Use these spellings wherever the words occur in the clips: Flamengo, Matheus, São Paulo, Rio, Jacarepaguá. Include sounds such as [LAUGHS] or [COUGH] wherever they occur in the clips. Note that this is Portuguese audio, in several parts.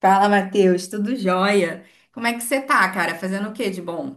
Fala, Matheus, tudo jóia? Como é que você tá, cara? Fazendo o que de bom?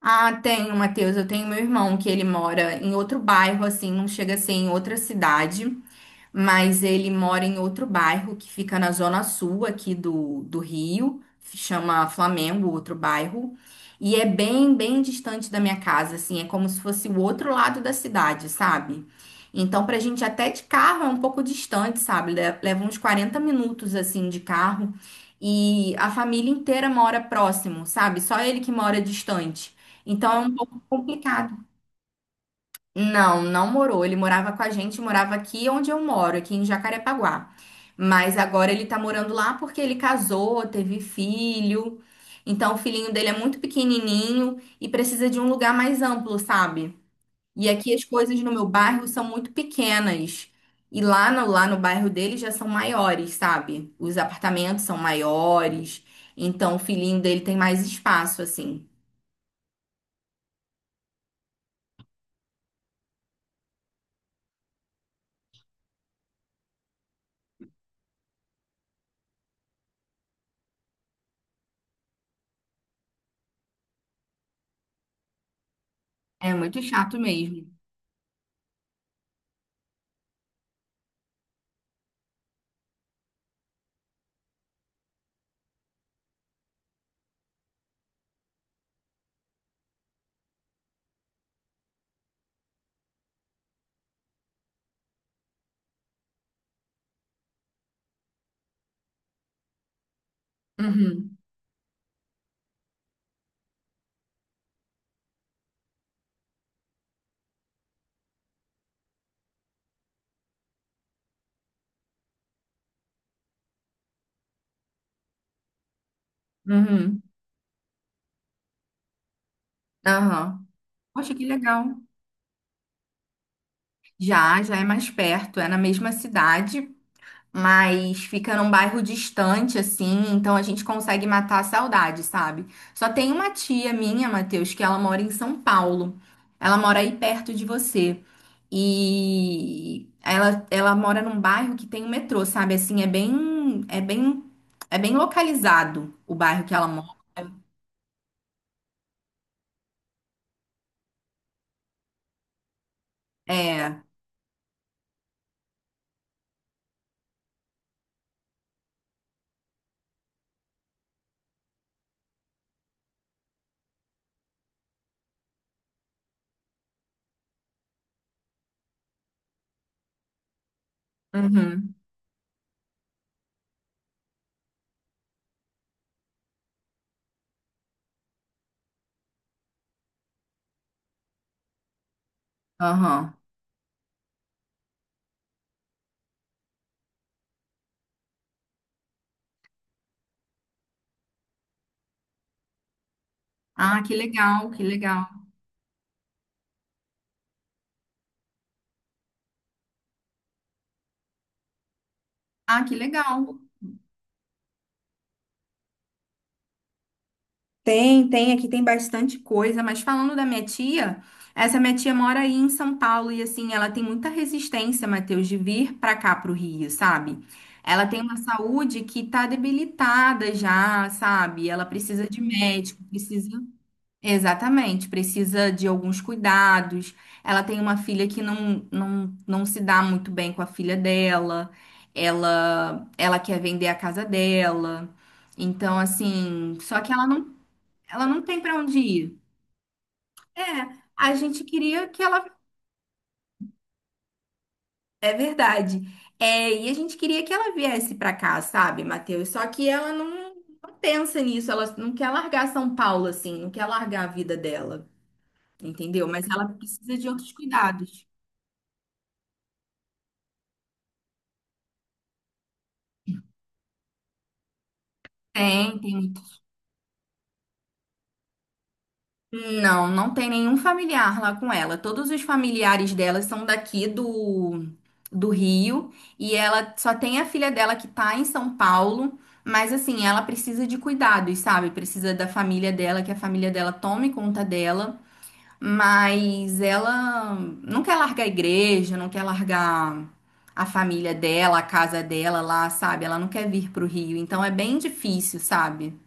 Ah, tenho, Matheus. Eu tenho meu irmão que ele mora em outro bairro, assim, não chega a ser em outra cidade, mas ele mora em outro bairro que fica na zona sul aqui do Rio, chama Flamengo, outro bairro, e é bem, bem distante da minha casa, assim, é como se fosse o outro lado da cidade, sabe? Então, pra gente até de carro é um pouco distante, sabe? Leva uns 40 minutos, assim, de carro. E a família inteira mora próximo, sabe? Só ele que mora distante. Então é um pouco complicado. Não, não morou. Ele morava com a gente, morava aqui onde eu moro, aqui em Jacarepaguá. Mas agora ele tá morando lá porque ele casou, teve filho. Então o filhinho dele é muito pequenininho e precisa de um lugar mais amplo, sabe? E aqui as coisas no meu bairro são muito pequenas. E lá no bairro dele já são maiores, sabe? Os apartamentos são maiores. Então o filhinho dele tem mais espaço, assim. É muito chato mesmo. Uhum. Uhum. Aham. Poxa, que legal. Já, já é mais perto, é na mesma cidade, mas fica num bairro distante, assim, então a gente consegue matar a saudade, sabe? Só tem uma tia minha, Matheus, que ela mora em São Paulo. Ela mora aí perto de você. E ela mora num bairro que tem o metrô, sabe? Assim, é bem, é bem, é bem localizado o bairro que ela mora. É. Uhum. Aham. Ah, que legal, que legal. Ah, que legal. Tem, tem, aqui tem bastante coisa, mas falando da minha tia, essa minha tia mora aí em São Paulo e assim, ela tem muita resistência, Matheus, de vir pra cá pro Rio, sabe? Ela tem uma saúde que tá debilitada já, sabe? Ela precisa de médico, precisa. Exatamente, precisa de alguns cuidados. Ela tem uma filha que não se dá muito bem com a filha dela. Ela quer vender a casa dela. Então, assim, só que ela não tem para onde ir. É, a gente queria que ela. É verdade. É, e a gente queria que ela viesse para cá, sabe, Matheus? Só que ela não pensa nisso. Ela não quer largar São Paulo, assim, não quer largar a vida dela, entendeu? Mas ela precisa de outros cuidados. Tem, tem muito. Não, não tem nenhum familiar lá com ela. Todos os familiares dela são daqui do Rio e ela só tem a filha dela que tá em São Paulo, mas assim, ela precisa de cuidados, sabe? Precisa da família dela, que a família dela tome conta dela, mas ela não quer largar a igreja, não quer largar a família dela, a casa dela lá, sabe? Ela não quer vir pro Rio, então é bem difícil, sabe?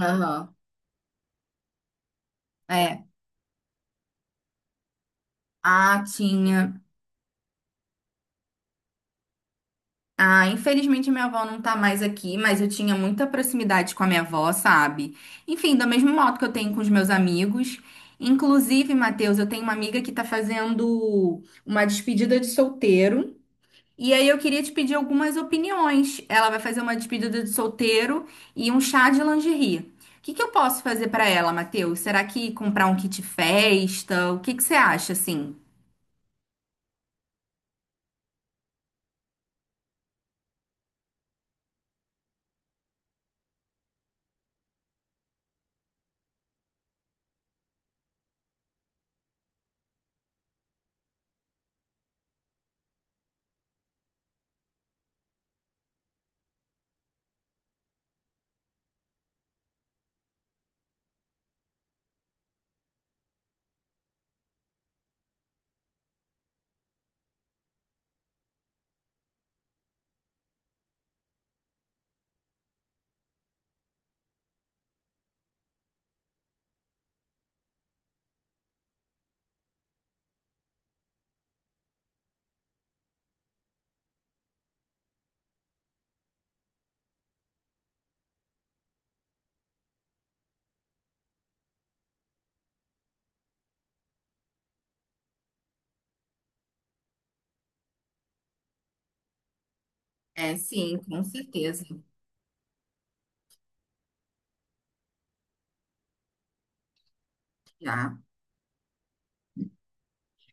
Aham. É. Ah, tinha. Ah, infelizmente minha avó não tá mais aqui, mas eu tinha muita proximidade com a minha avó, sabe? Enfim, do mesmo modo que eu tenho com os meus amigos. Inclusive, Matheus, eu tenho uma amiga que tá fazendo uma despedida de solteiro. E aí eu queria te pedir algumas opiniões. Ela vai fazer uma despedida de solteiro e um chá de lingerie. O que que eu posso fazer pra ela, Matheus? Será que comprar um kit festa? O que que você acha, assim? É, sim, com certeza. Já.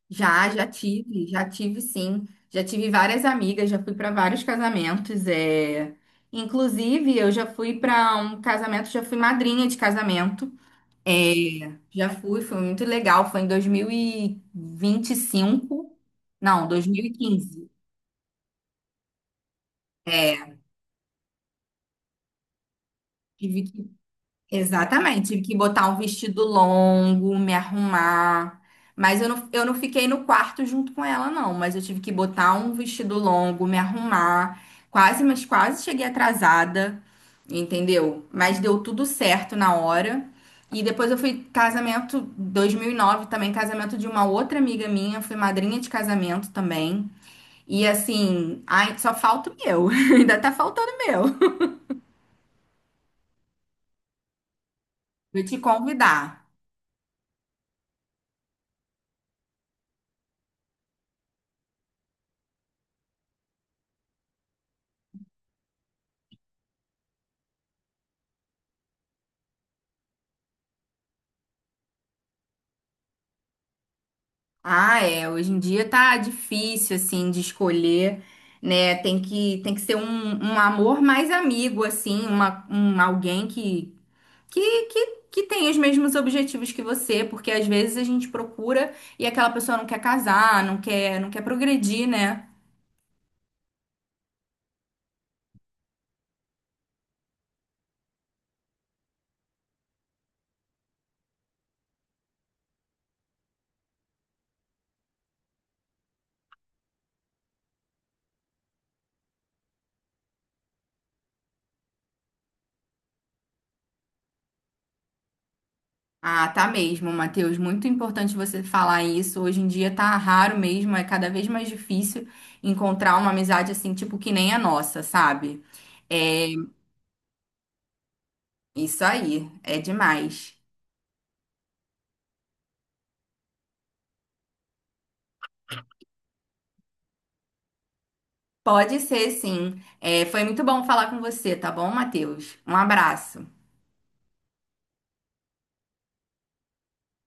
Já, já tive sim. Já tive várias amigas, já fui para vários casamentos. É. Inclusive, eu já fui para um casamento, já fui madrinha de casamento. É. Já fui, foi muito legal. Foi em dois mil e vinte e cinco. Não, 2015. É, tive que. Exatamente, tive que botar um vestido longo, me arrumar. Mas eu não fiquei no quarto junto com ela, não. Mas eu tive que botar um vestido longo, me arrumar. Quase, mas quase cheguei atrasada, entendeu? Mas deu tudo certo na hora. E depois eu fui casamento 2009 também, casamento de uma outra amiga minha. Fui madrinha de casamento também. E assim, ai, só falta o meu. [LAUGHS] Ainda tá faltando o meu. Vou te convidar. Ah, é. Hoje em dia tá difícil, assim, de escolher, né? Tem que ser um, um amor mais amigo, assim, uma, um alguém que tem os mesmos objetivos que você, porque às vezes a gente procura e aquela pessoa não quer casar, não quer, não quer progredir, né? Ah, tá mesmo, Matheus. Muito importante você falar isso. Hoje em dia tá raro mesmo, é cada vez mais difícil encontrar uma amizade assim, tipo, que nem a nossa, sabe? É, isso aí, é demais. Pode ser, sim. É, foi muito bom falar com você, tá bom, Matheus? Um abraço.